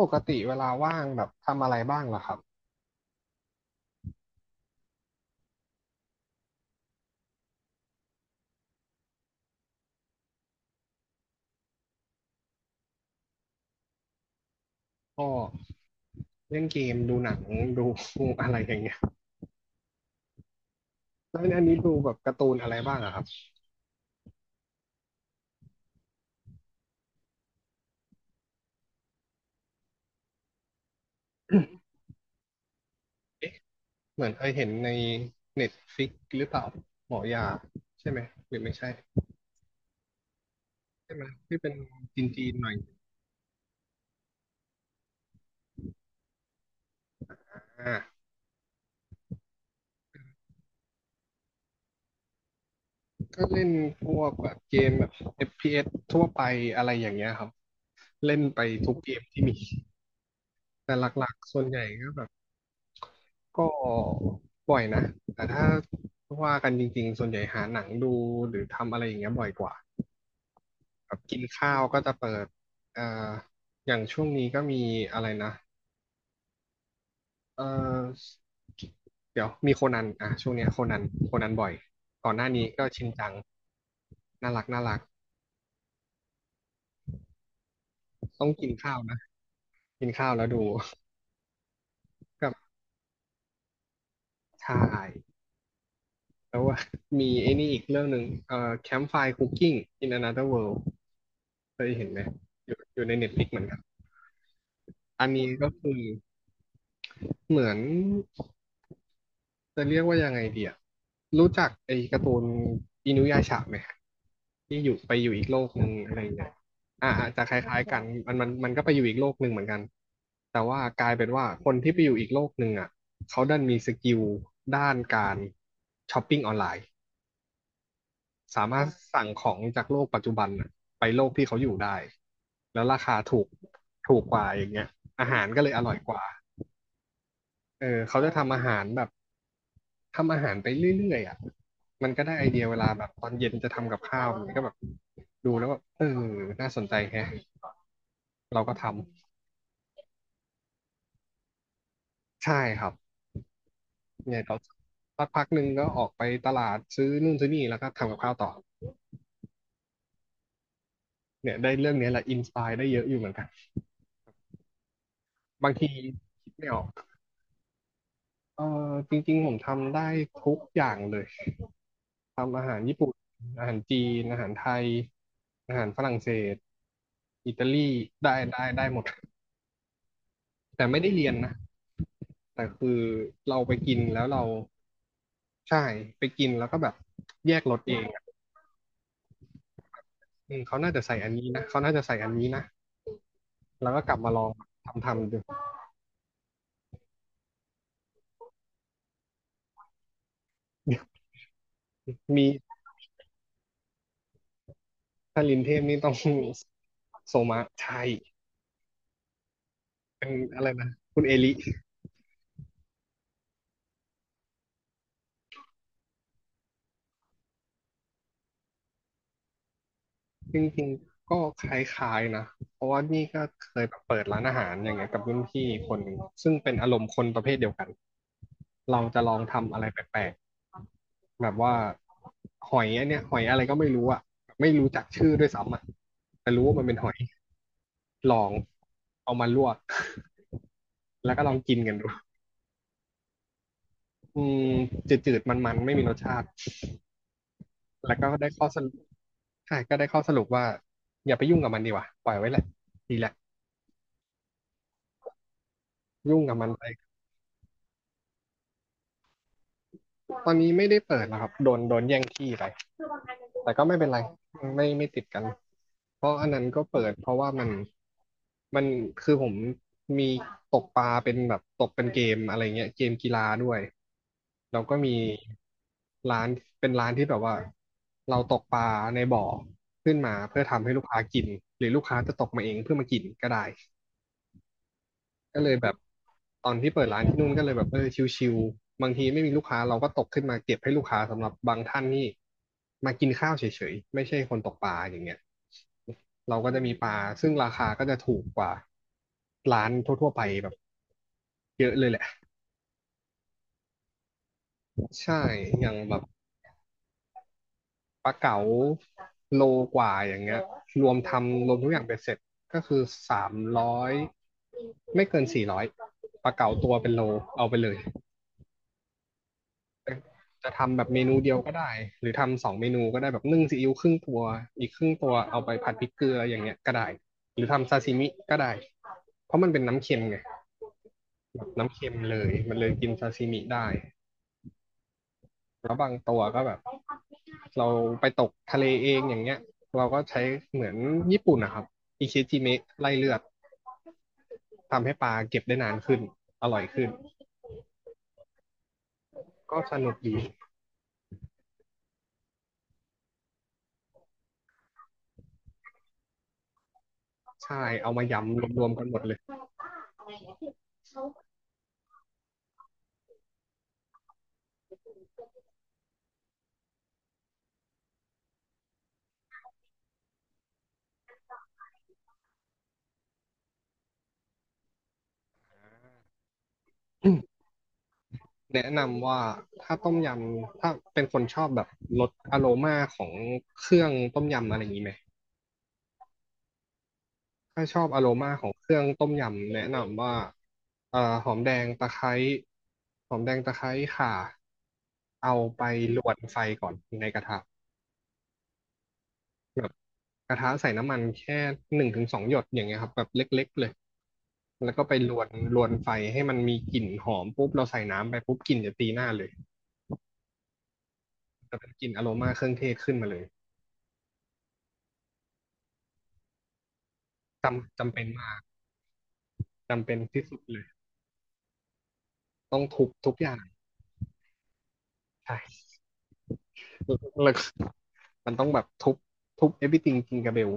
ปกติเวลาว่างแบบทำอะไรบ้างล่ะครับก็เล่นเกมดูหนังดูอะไรอย่างเงี้ยแล้วอันนี้ดูแบบการ์ตูนอะไรบ้างอะครับเอ๊ะเหมือนเคยเห็นในเน็ตฟิกหรือเปล่าหมอยาใช่ไหมหรือไม่ใช่ใช่ไหมที่เป็นจีนๆหน่อยอ่าก็เล่นพวกแบบเกมแบบเอฟพีเอสทั่วไปอะไรอย่างเงี้ยครับเล่นไปทุกเกมที่มีแต่หลักๆส่วนใหญ่ก็แบบ ก็บ่อยนะแต่ถ้าว่ากันจริงๆส่วนใหญ่หาหนังดูหรือทำอะไรอย่างเงี้ยบ่อยกว่าแบบกินข้าวก็จะเปิดเอ่ออย่างช่วงนี้ก็มีอะไรนะเอ่อเดี๋ยวมีโคนันอ่ะช่วงเนี้ยโคนันโคนันบ่อยก่อนหน้านี้ก็ชินจังน่ารักน่ารักต้องกินข้าวนะกินข้าวแล้วดู กับชาย แล้วว่า มีไอ้นี่อีกเรื่องหนึ่งCampfire Cooking in Another World เคยเห็นไหมอยู่อยู่ในเน็ตฟลิกเหมือนกันอันนี้ก็คือเหมือนจะเรียกว่ายังไงเดียรู้จักไอ้การ์ตูนอินุยาชะไหมที่อยู่ไปอยู่อีกโลกหนึ่งอะไรอย่างเงี้ยอ่าอาจจะคล้ายๆกันมันก็ไปอยู่อีกโลกหนึ่งเหมือนกันแต่ว่ากลายเป็นว่าคนที่ไปอยู่อีกโลกหนึ่งอ่ะเขาดันมีสกิลด้านการช้อปปิ้งออนไลน์ สามารถสั่งของจากโลกปัจจุบันน่ะไปโลกที่เขาอยู่ได้แล้วราคาถูกถูกกว่าอย่างเงี้ยอาหารก็เลยอร่อยกว่าเออเขาจะทำอาหารแบบทำอาหารไปเรื่อยๆอ่ะมันก็ได้ไอเดียเวลาแบบตอนเย็นจะทำกับข้าวมันก็แบบดูแล้วแบบเออน่าสนใจแฮะเราก็ทำใช่ครับเนี่ยเราสักพักหนึ่งก็ออกไปตลาดซื้อนู่นซื้อนี่แล้วก็ทำกับข้าวต่อเนี่ยได้เรื่องเนี้ยแหละอินสปายได้เยอะอยู่เหมือนกันบางทีคิดไม่ออก เออจริงๆผมทำได้ทุกอย่างเลยทำอาหารญี่ปุ่นอาหารจีนอาหารไทยอาหารฝรั่งเศสอิตาลีได้ได้ได้หมดแต่ไม่ได้เรียนนะแต่คือเราไปกินแล้วเราใช่ไปกินแล้วก็แบบแยกรสเองอะอืมเขาน่าจะใส่อันนี้นะเขาน่าจะใส่อันนี้นะแล้วก็กลับมาลองทำดูมีถ้าลินเทพนี่ต้อง โซมะใช่เป็นอะไรนะคุณเอลิ จริงๆก็คล้ายๆนะเพราะว่านี่ก็เคยแบบเปิดร้านอาหารอย่างเงี้ยกับรุ่นพี่คนหนึ่งซึ่งเป็นอารมณ์คนประเภทเดียวกันเราจะลองทำอะไรแปลกๆแบบว่าหอยอันเนี้ยหอยอะไรก็ไม่รู้อะไม่รู้จักชื่อด้วยซ้ำอะแต่รู้ว่ามันเป็นหอยลองเอามาลวก แล้วก็ลองกินกันดูอืมจืดๆมันๆไม่มีรสชาติแล้วก็ได้ข้อสรุปใช่ก็ได้ข้อสรุปว่าอย่าไปยุ่งกับมันดีกว่าปล่อยไว้แหละดีแหละ ยุ่งกับมันไปตอนนี้ไม่ได้เปิดแล้วครับโดนแย่งที่ไปแต่ก็ไม่เป็นไร ไม่ไม่ติดกันเพราะอันนั้นก็เปิดเพราะว่ามัน มันคือผมมีตกปลาเป็นแบบตกเป็นเกมอะไรเงี้ยเกมกีฬาด้วยแล้วก็มีร้านเป็นร้านที่แบบว่าเราตกปลาในบ่อขึ้นมาเพื่อทำให้ลูกค้ากินหรือลูกค้าจะตกมาเองเพื่อมากินก็ได้ ก็เลยแบบตอนที่เปิดร้านที่นู่นก็เลยแบบเออชิวๆบางทีไม่มีลูกค้าเราก็ตกขึ้นมาเก็บให้ลูกค้าสำหรับบางท่านนี่มากินข้าวเฉยๆไม่ใช่คนตกปลาอย่างเงี้ยเราก็จะมีปลาซึ่งราคาก็จะถูกกว่าร้านทั่วๆไปแบบเยอะเลยแหละใช่อย่างแบบปลาเก๋าโลกว่าอย่างเงี้ยรวมทุกอย่างเป็นเสร็จก็คือ300ไม่เกิน400ปลาเก๋าตัวเป็นโลเอาไปเลย จะทำแบบเมนูเดียวก็ได้หรือทำสองเมนูก็ได้แบบนึ่งซีอิ๊วครึ่งตัวอีกครึ่งตัวเอาไปผัดพริกเกลืออย่างเงี้ยก็ได้หรือทำซาซิมิก็ได้เพราะมันเป็นน้ำเค็มไงแบบน้ำเค็มเลยมันเลยกินซาซิมิได้แล้วบางตัวก็แบบเราไปตกทะเลเองอย่างเงี้ยเราก็ใช้เหมือนญี่ปุ่นนะครับอิเชจิเมะไล่เลือดทำให้ปลาเก็บได้นานขึ้นอร่อยขึ้นก็สนุกดีใช่เอามายำรวมๆกันหมดเลย แนะนำว่าถ้าต้มยำถ้าเป็นคนชอบแบบรสอโรมาของเครื่องต้มยำอะไรอย่างนี้ไหมถ้าชอบอโรมาของเครื่องต้มยำแนะนำว่าเอ่อหอมแดงตะไคร้หอมแดงตะไคร้ข่าเอาไปลวนไฟก่อนในกระทะแบบกระทะใส่น้ำมันแค่หนึ่งถึงสองหยดอย่างเงี้ยครับแบบเล็กๆเลยแล้วก็ไปลวนไฟให้มันมีกลิ่นหอมปุ๊บเราใส่น้ำไปปุ๊บกลิ่นจะตีหน้าเลยจะเป็นกลิ่นอโรมาเครื่องเทศขึ้นมาเลย จำเป็นมากจำเป็นที่สุดเลยต้องทุบทุกอย่างใช่แล้วก็มันต้องแบบทุบ everything จริงกับเบล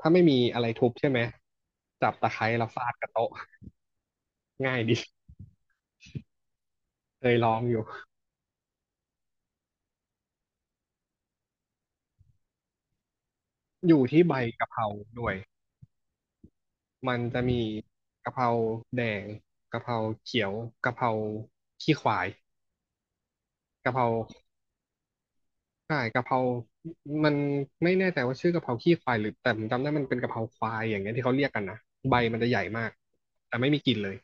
ถ้าไม่มีอะไรทุบใช่ไหมจับตะไคร้แล้วฟาดกับโต๊ะง่ายดีเคยลองอยู่อยู่ที่ใบกะเพราด้วยมันจะมีกะเพราแดงกะเพราเขียวกะเพราขี้ควายกะเพรา ใช่กะเพรามันไม่แน่ใจว่าชื่อกะเพราขี้ควายหรือแต่ผมจำได้มันเป็นกะเพราควายอย่างเงี้ยที่เขาเรียกกันนะใบมันจะใหญ่มากแต่ไม่มีกลิ่นเลย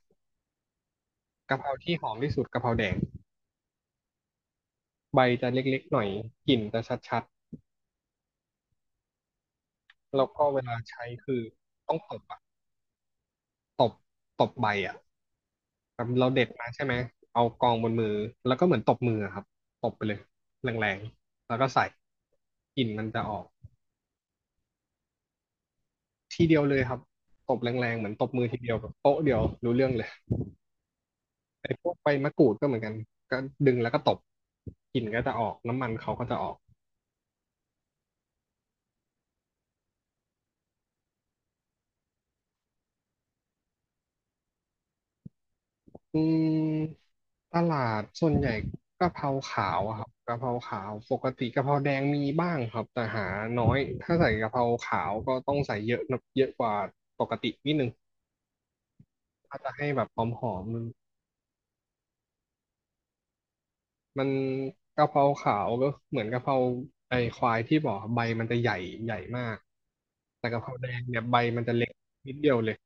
กะเพราที่หอมที่สุดกะเพราแดงใบจะเล็กๆหน่อยกลิ่นจะชัดๆแล้วก็เวลาใช้คือต้องตบอะตบตบใบอะแบบเราเด็ดมาใช่ไหมเอากองบนมือแล้วก็เหมือนตบมืออะครับตบไปเลยแรงๆแล้วก็ใส่กลิ่นมันจะออกทีเดียวเลยครับตบแรงๆเหมือนตบมือทีเดียวแบบโป๊ะเดียวรู้เรื่องเลย ไอ้พวกใบมะกรูดก็เหมือนกันก็ดึงแล้วก็ตบกลิ่นก็จะออกน้ำมันเขาก็จะออกอืมตลาดส่วนใหญ่กะเพราขาวอะครับกะเพราขาวปกติกะเพราแดงมีบ้างครับแต่หาน้อยถ้าใส่กะเพราขาวก็ต้องใส่เยอะนะเยอะกว่าปกตินิดนึงถ้าจะให้แบบหอมมันกะเพราขาวก็เหมือนกะเพราไอ้ควายที่บอกใบมันจะใหญ่มากแต่กะเพราแดงเนี่ยใบมันจะเล็กนิดเดียวเลย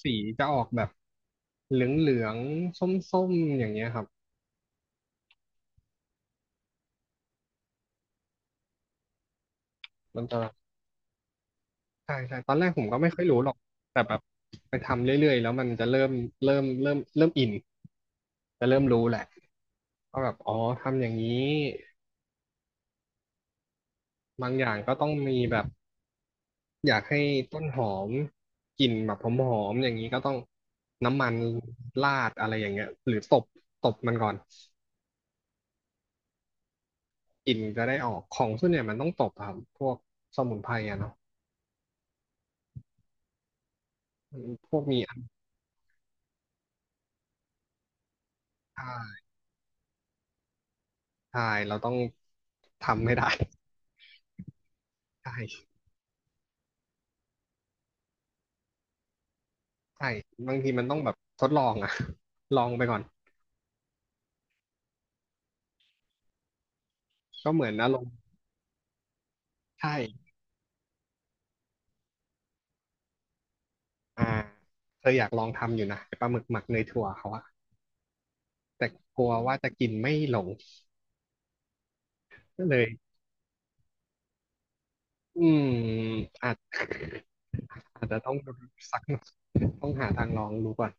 สีจะออกแบบเหลืองเหลืองส้มส้มๆอย่างเงี้ยครับมันจะใช่ใช่ตอนแรกผมก็ไม่ค่อยรู้หรอกแต่แบบไปทำเรื่อยๆแล้วมันจะเริ่มอินจะเริ่มรู้แหละก็แบบอ๋อทำอย่างนี้บางอย่างก็ต้องมีแบบอยากให้ต้นหอมกลิ่นแบบหอมๆอย่างนี้ก็ต้องน้ำมันราดอะไรอย่างเงี้ยหรือตบตบมันก่อนกลิ่นจะได้ออกของส่วนใหญ่ยมันต้องตบอะครับพวกสมุนไพรอะเนาะพวกมีอัญชัน ใช่เราต้องทำให้ได้ ใช่ใช่บางทีมันต้องแบบทดลองอะ ลองไปก่อนก็เหมือนอารมณ์ใช่อ่าเคยอยากลองทำอยู่นะไอ้ปลาหมึกหมักเนยถั่วเขาอะแต่กลัวว่าจะกินไม่ลงก็เลยอืมอาจอาจจะต้องสักหน่อยต้องหาทางลองดูก่อน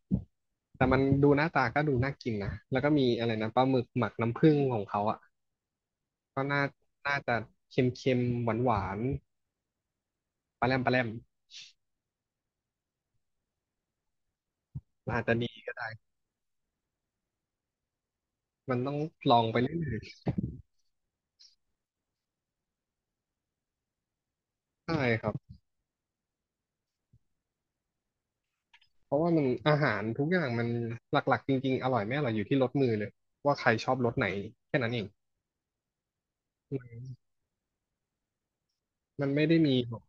แต่มันดูหน้าตาก็ดูน่ากินนะแล้วก็มีอะไรนะปลาหมึกหมักน้ำผึ้งของเขาอ่ะก็น่าจะเค็มๆหวานๆปลาแรมอาจจะดี มันต้องลองไปเรื่อยๆใช่ครับเพราะว่ามันอาหารทุกอย่างมันหลักๆจริงๆอร่อยไม่อร่อยอยู่ที่รสมือเลยว่าใครชอบรสไหนแค่นั้นเองมันไม่ได้มีแบบ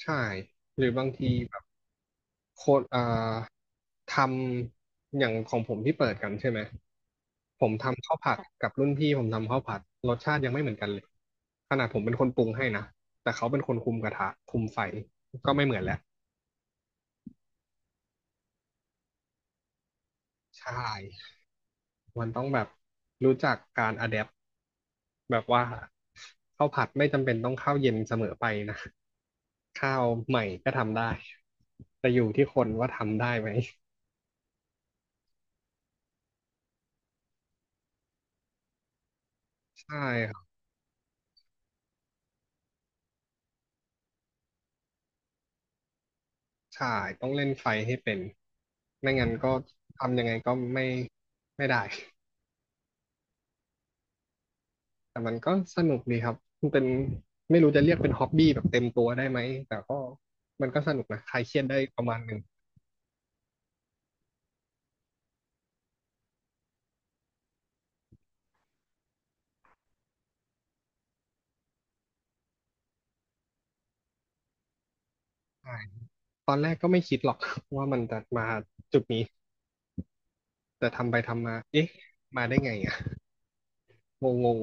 ใช่หรือบางทีแบบโคตรอ่าทำอย่างของผมที่เปิดกันใช่ไหมผมทำข้าวผัดกับรุ่นพี่ผมทำข้าวผัดรสชาติยังไม่เหมือนกันเลยขนาดผมเป็นคนปรุงให้นะแต่เขาเป็นคนคุมกระทะคุมไฟก็ไม่เหมือนแล้วใช่ มันต้องแบบรู้จักการอะแดปแบบว่าข้าวผัดไม่จำเป็นต้องข้าวเย็นเสมอไปนะข้าวใหม่ก็ทำได้แต่อยู่ที่คนว่าทำได้ไหมใช่ครับใช่ต้องเล่นไฟให้เป็นไม่งั้นก็ทำยังไงก็ไม่ได้แต่มันก็สนุกดีครับมันเป็นไม่รู้จะเรียกเป็นฮ็อบบี้แบบเต็มตัวได้ไหมแต่ก็มันก็สนุกนะคลายเครียดได้ประมาณหนึ่งใช่ตอนแรกก็ไม่คิดหรอก ว่ามันจะมาจุดนี้ แต่ทำไปทำมาเอ๊ะมาได้ไงอ่ะงงง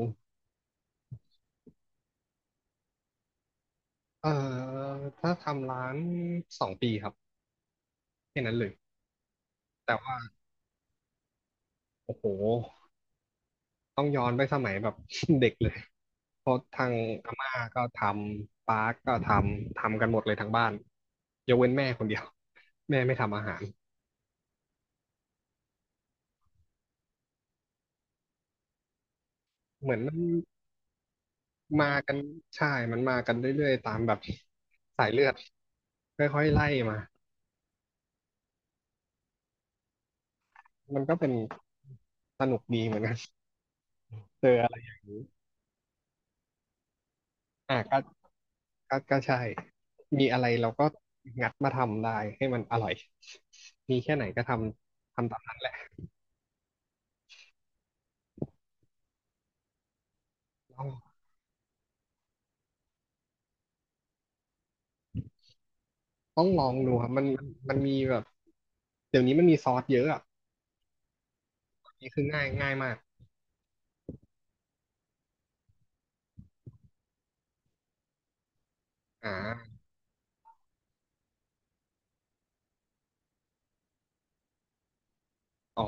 เอ่อถ้าทำร้านสองปีครับแค่นั้นเลยแต่ว่าโอ้โหต้องย้อนไปสมัยแบบ เด็กเลยเพราะทางอาม่าก็ทำป้าก็ทำกันหมดเลยทั้งบ้านยกเว้นแม่คนเดียว แม่ไม่ทำอาหารเหมือนมันมากันใช่มันมากันเรื่อยๆตามแบบสายเลือดค่อยๆไล่มามันก็เป็นสนุกดีเหมือนกัน เจออะไรอย่างนี้อ่ะก็ ก็ใช่ มีอะไรเราก็งัดมาทำได้ให้มันอร่อยมีแค่ไหนก็ทำตามนั้นแหละต้องต้องลองดูครับมันมีแบบเดี๋ยวนี้มันมีซอสเยอะอ่ะอันนี่คือง่ายมากอ่าอ๋อ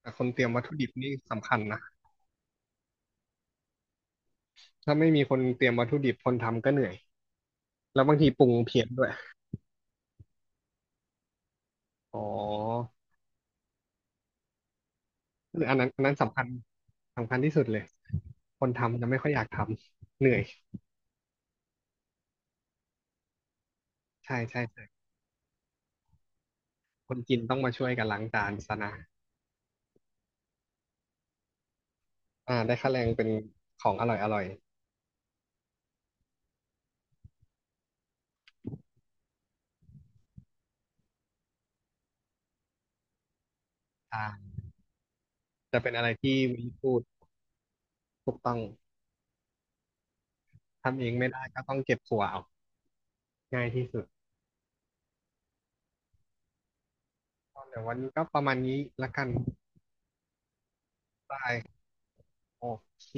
แต่คนเตรียมวัตถุดิบนี่สำคัญนะถ้าไม่มีคนเตรียมวัตถุดิบคนทำก็เหนื่อยแล้วบางทีปรุงเพี้ยนด้วยอ๋อคืออันนั้นสำคัญสำคัญที่สุดเลย คนทำจะไม่ค่อยอยากทำเหนื่อยใช่ใช่ใช่คนกินต้องมาช่วยกันล้างจานซะนะ อ่าได้ค่าแรงเป็นของอร่อยอร่อยอ่าจะเป็นอะไรที่วินพูดถูกต้องทำเองไม่ได้ก็ต้องเก็บถั่วเอาง่ายที่สุดก็เดี๋ยววันนี้ก็ประมาณนี้ละกันบายโอเค